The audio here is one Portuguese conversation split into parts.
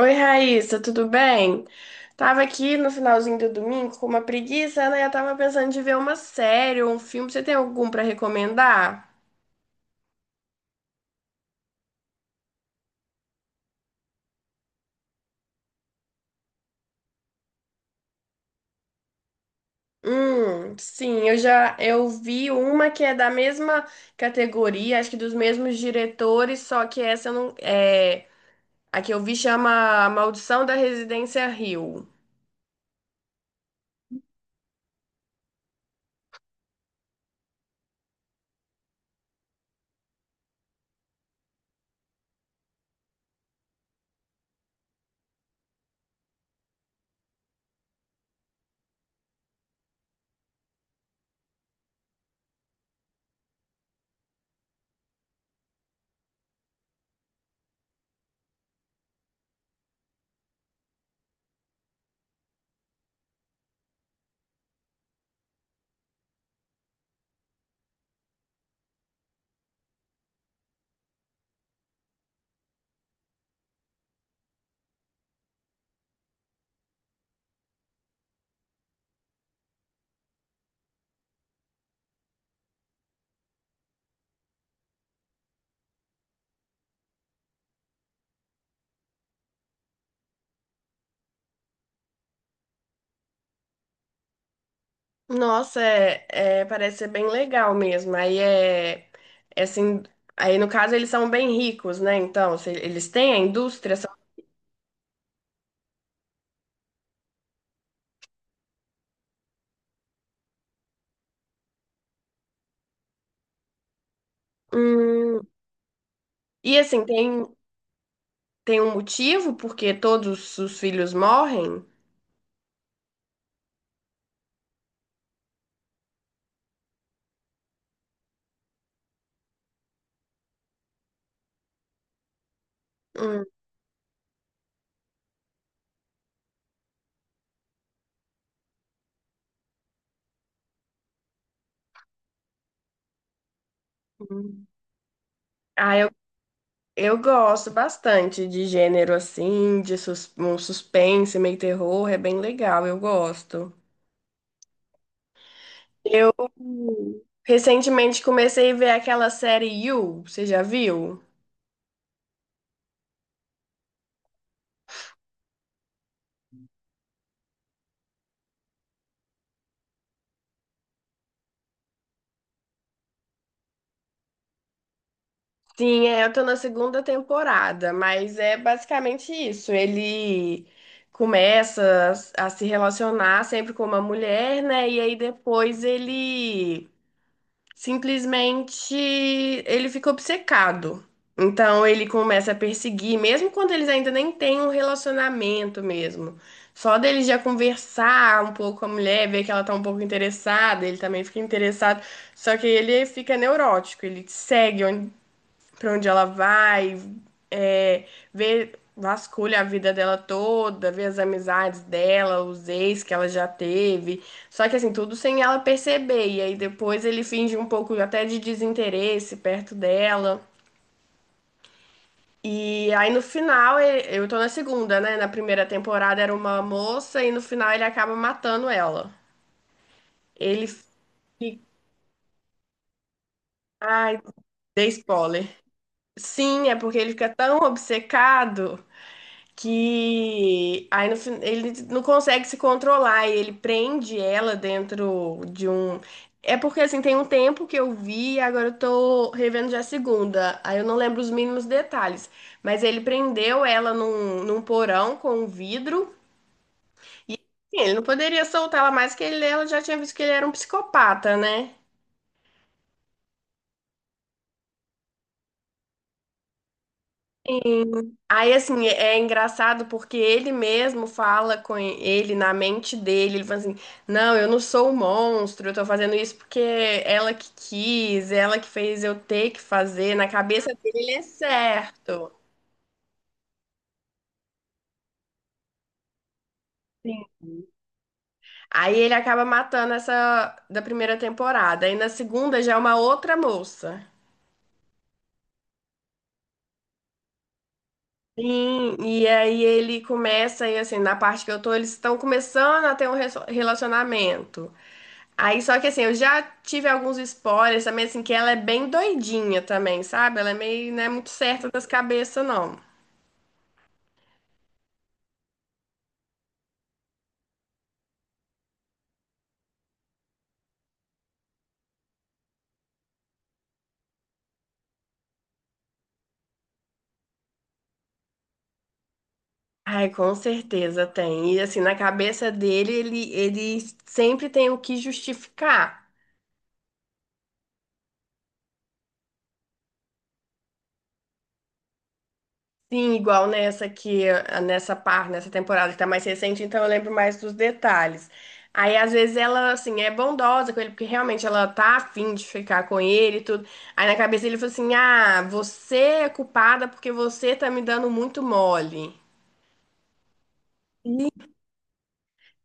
Oi, Raíssa, tudo bem? Tava aqui no finalzinho do domingo com uma preguiça, né? Eu tava pensando de ver uma série ou um filme. Você tem algum pra recomendar? Sim, eu já eu vi uma que é da mesma categoria, acho que dos mesmos diretores, só que essa eu não é, a que eu vi chama A Maldição da Residência Hill. Nossa, parece ser bem legal mesmo. Aí é, é assim, aí no caso eles são bem ricos, né? Então, se eles têm a indústria. São- Hum, e assim, tem um motivo porque todos os filhos morrem? Hum. hum. Ah, eu gosto bastante de gênero assim, um suspense, meio terror, é bem legal, eu gosto. Eu recentemente comecei a ver aquela série You, você já viu? Sim, é, eu tô na segunda temporada, mas é basicamente isso. Ele começa a se relacionar sempre com uma mulher, né? E aí depois ele simplesmente ele fica obcecado. Então ele começa a perseguir, mesmo quando eles ainda nem têm um relacionamento mesmo. Só dele já conversar um pouco com a mulher, ver que ela tá um pouco interessada, ele também fica interessado. Só que ele fica neurótico, ele segue para onde ela vai, é, ver, vasculha a vida dela toda, ver as amizades dela, os ex que ela já teve. Só que assim, tudo sem ela perceber. E aí depois ele finge um pouco até de desinteresse perto dela. E aí no final, ele- eu tô na segunda, né? Na primeira temporada era uma moça e no final ele acaba matando ela. Ele fica. Ai, dei spoiler. Sim, é porque ele fica tão obcecado que aí no, fin- ele não consegue se controlar e ele prende ela dentro de um. É porque assim, tem um tempo que eu vi, e agora eu tô revendo já a segunda. Aí eu não lembro os mínimos detalhes. Mas ele prendeu ela num porão com um vidro. E assim, ele não poderia soltá-la mais, que ele, ela já tinha visto que ele era um psicopata, né? Sim. Aí, assim, é engraçado porque ele mesmo fala com ele na mente dele. Ele fala assim: "Não, eu não sou um monstro, eu tô fazendo isso porque é ela que quis, é ela que fez eu ter que fazer. Na cabeça dele é certo." Sim. Aí ele acaba matando essa da primeira temporada. Aí na segunda já é uma outra moça. Sim, e aí ele começa, e assim, na parte que eu tô, eles estão começando a ter um relacionamento. Aí, só que assim, eu já tive alguns spoilers também, assim, que ela é bem doidinha também, sabe? Ela é meio, não é muito certa das cabeças, não. Ai, com certeza tem. E assim, na cabeça dele, ele sempre tem o que justificar. Sim, igual nessa que ah, nessa parte, nessa temporada que tá mais recente, então eu lembro mais dos detalhes. Aí às vezes ela assim é bondosa com ele porque realmente ela tá afim de ficar com ele e tudo. Aí na cabeça ele falou assim: "Ah, você é culpada porque você tá me dando muito mole".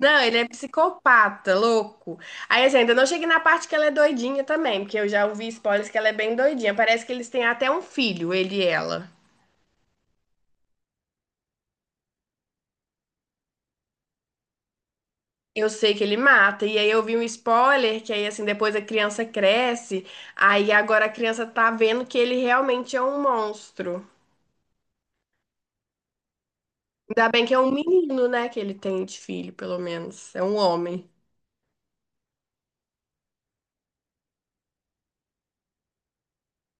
Não, ele é psicopata, louco. Aí assim, ainda não cheguei na parte que ela é doidinha também, porque eu já ouvi spoilers que ela é bem doidinha. Parece que eles têm até um filho, ele e ela. Eu sei que ele mata, e aí eu vi um spoiler que aí assim depois a criança cresce, aí agora a criança tá vendo que ele realmente é um monstro. Ainda bem que é um menino, né, que ele tem de filho, pelo menos, é um homem.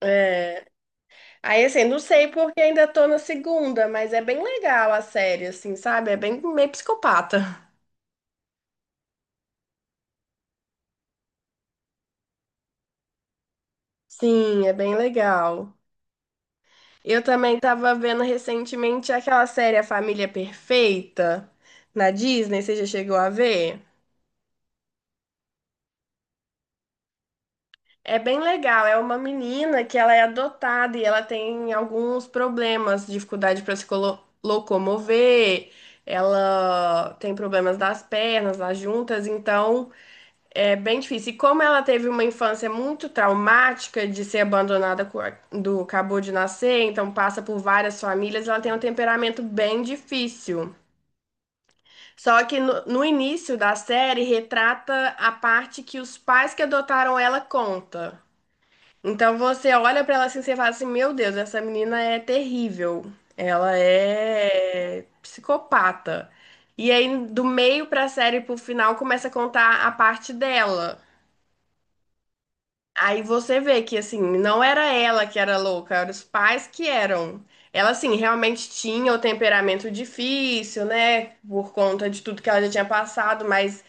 É. Aí assim, não sei porque ainda tô na segunda, mas é bem legal a série, assim, sabe? É bem meio psicopata. Sim, é bem legal. Eu também tava vendo recentemente aquela série A Família Perfeita na Disney, você já chegou a ver? É bem legal. É uma menina que ela é adotada e ela tem alguns problemas, dificuldade para se colo- locomover. Ela tem problemas das pernas, das juntas, então é bem difícil. E como ela teve uma infância muito traumática de ser abandonada quando acabou de nascer, então passa por várias famílias, ela tem um temperamento bem difícil. Só que no início da série retrata a parte que os pais que adotaram ela conta. Então você olha pra ela assim, você fala assim, meu Deus, essa menina é terrível. Ela é psicopata. E aí do meio pra série pro final começa a contar a parte dela. Aí você vê que, assim, não era ela que era louca, eram os pais que eram. Ela, assim, realmente tinha o temperamento difícil, né? Por conta de tudo que ela já tinha passado, mas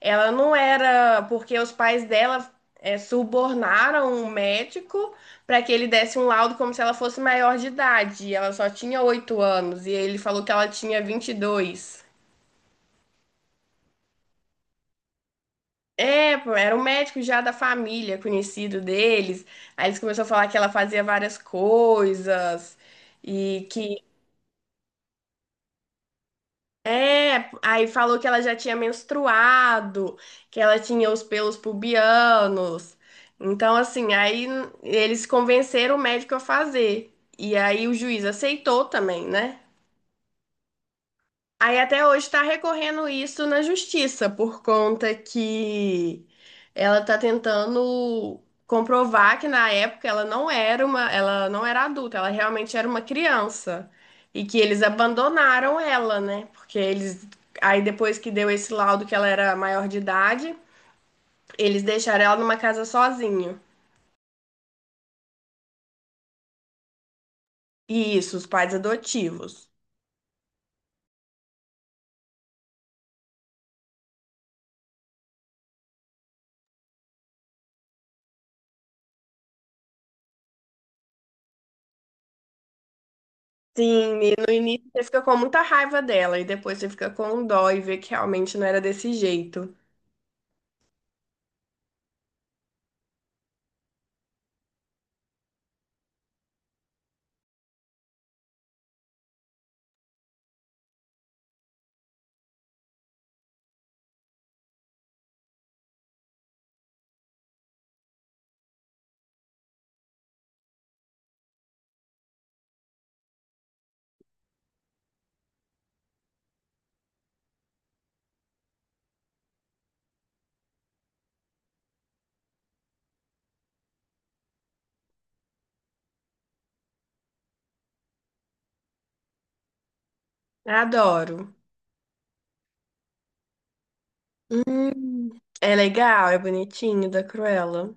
ela não era. Porque os pais dela subornaram um médico para que ele desse um laudo como se ela fosse maior de idade. E ela só tinha 8 anos, e ele falou que ela tinha 22. É, pô, era um médico já da família, conhecido deles. Aí eles começaram a falar que ela fazia várias coisas e que aí falou que ela já tinha menstruado, que ela tinha os pelos pubianos. Então, assim, aí eles convenceram o médico a fazer. E aí o juiz aceitou também, né? Aí até hoje está recorrendo isso na justiça, por conta que ela está tentando comprovar que na época ela não era uma, ela não era adulta, ela realmente era uma criança e que eles abandonaram ela, né? Porque eles aí depois que deu esse laudo que ela era maior de idade, eles deixaram ela numa casa sozinho. E isso, os pais adotivos. Sim, e no início você fica com muita raiva dela e depois você fica com dó e vê que realmente não era desse jeito. Adoro. Hum, É legal, é bonitinho, da Cruella.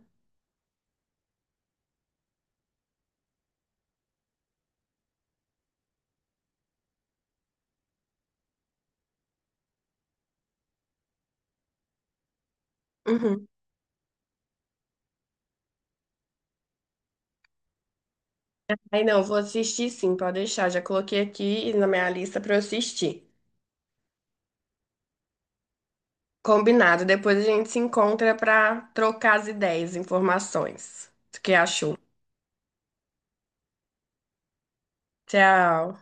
Uhum. Aí não, vou assistir sim, pode deixar. Já coloquei aqui na minha lista pra eu assistir. Combinado. Depois a gente se encontra pra trocar as ideias, informações. O que achou? Tchau.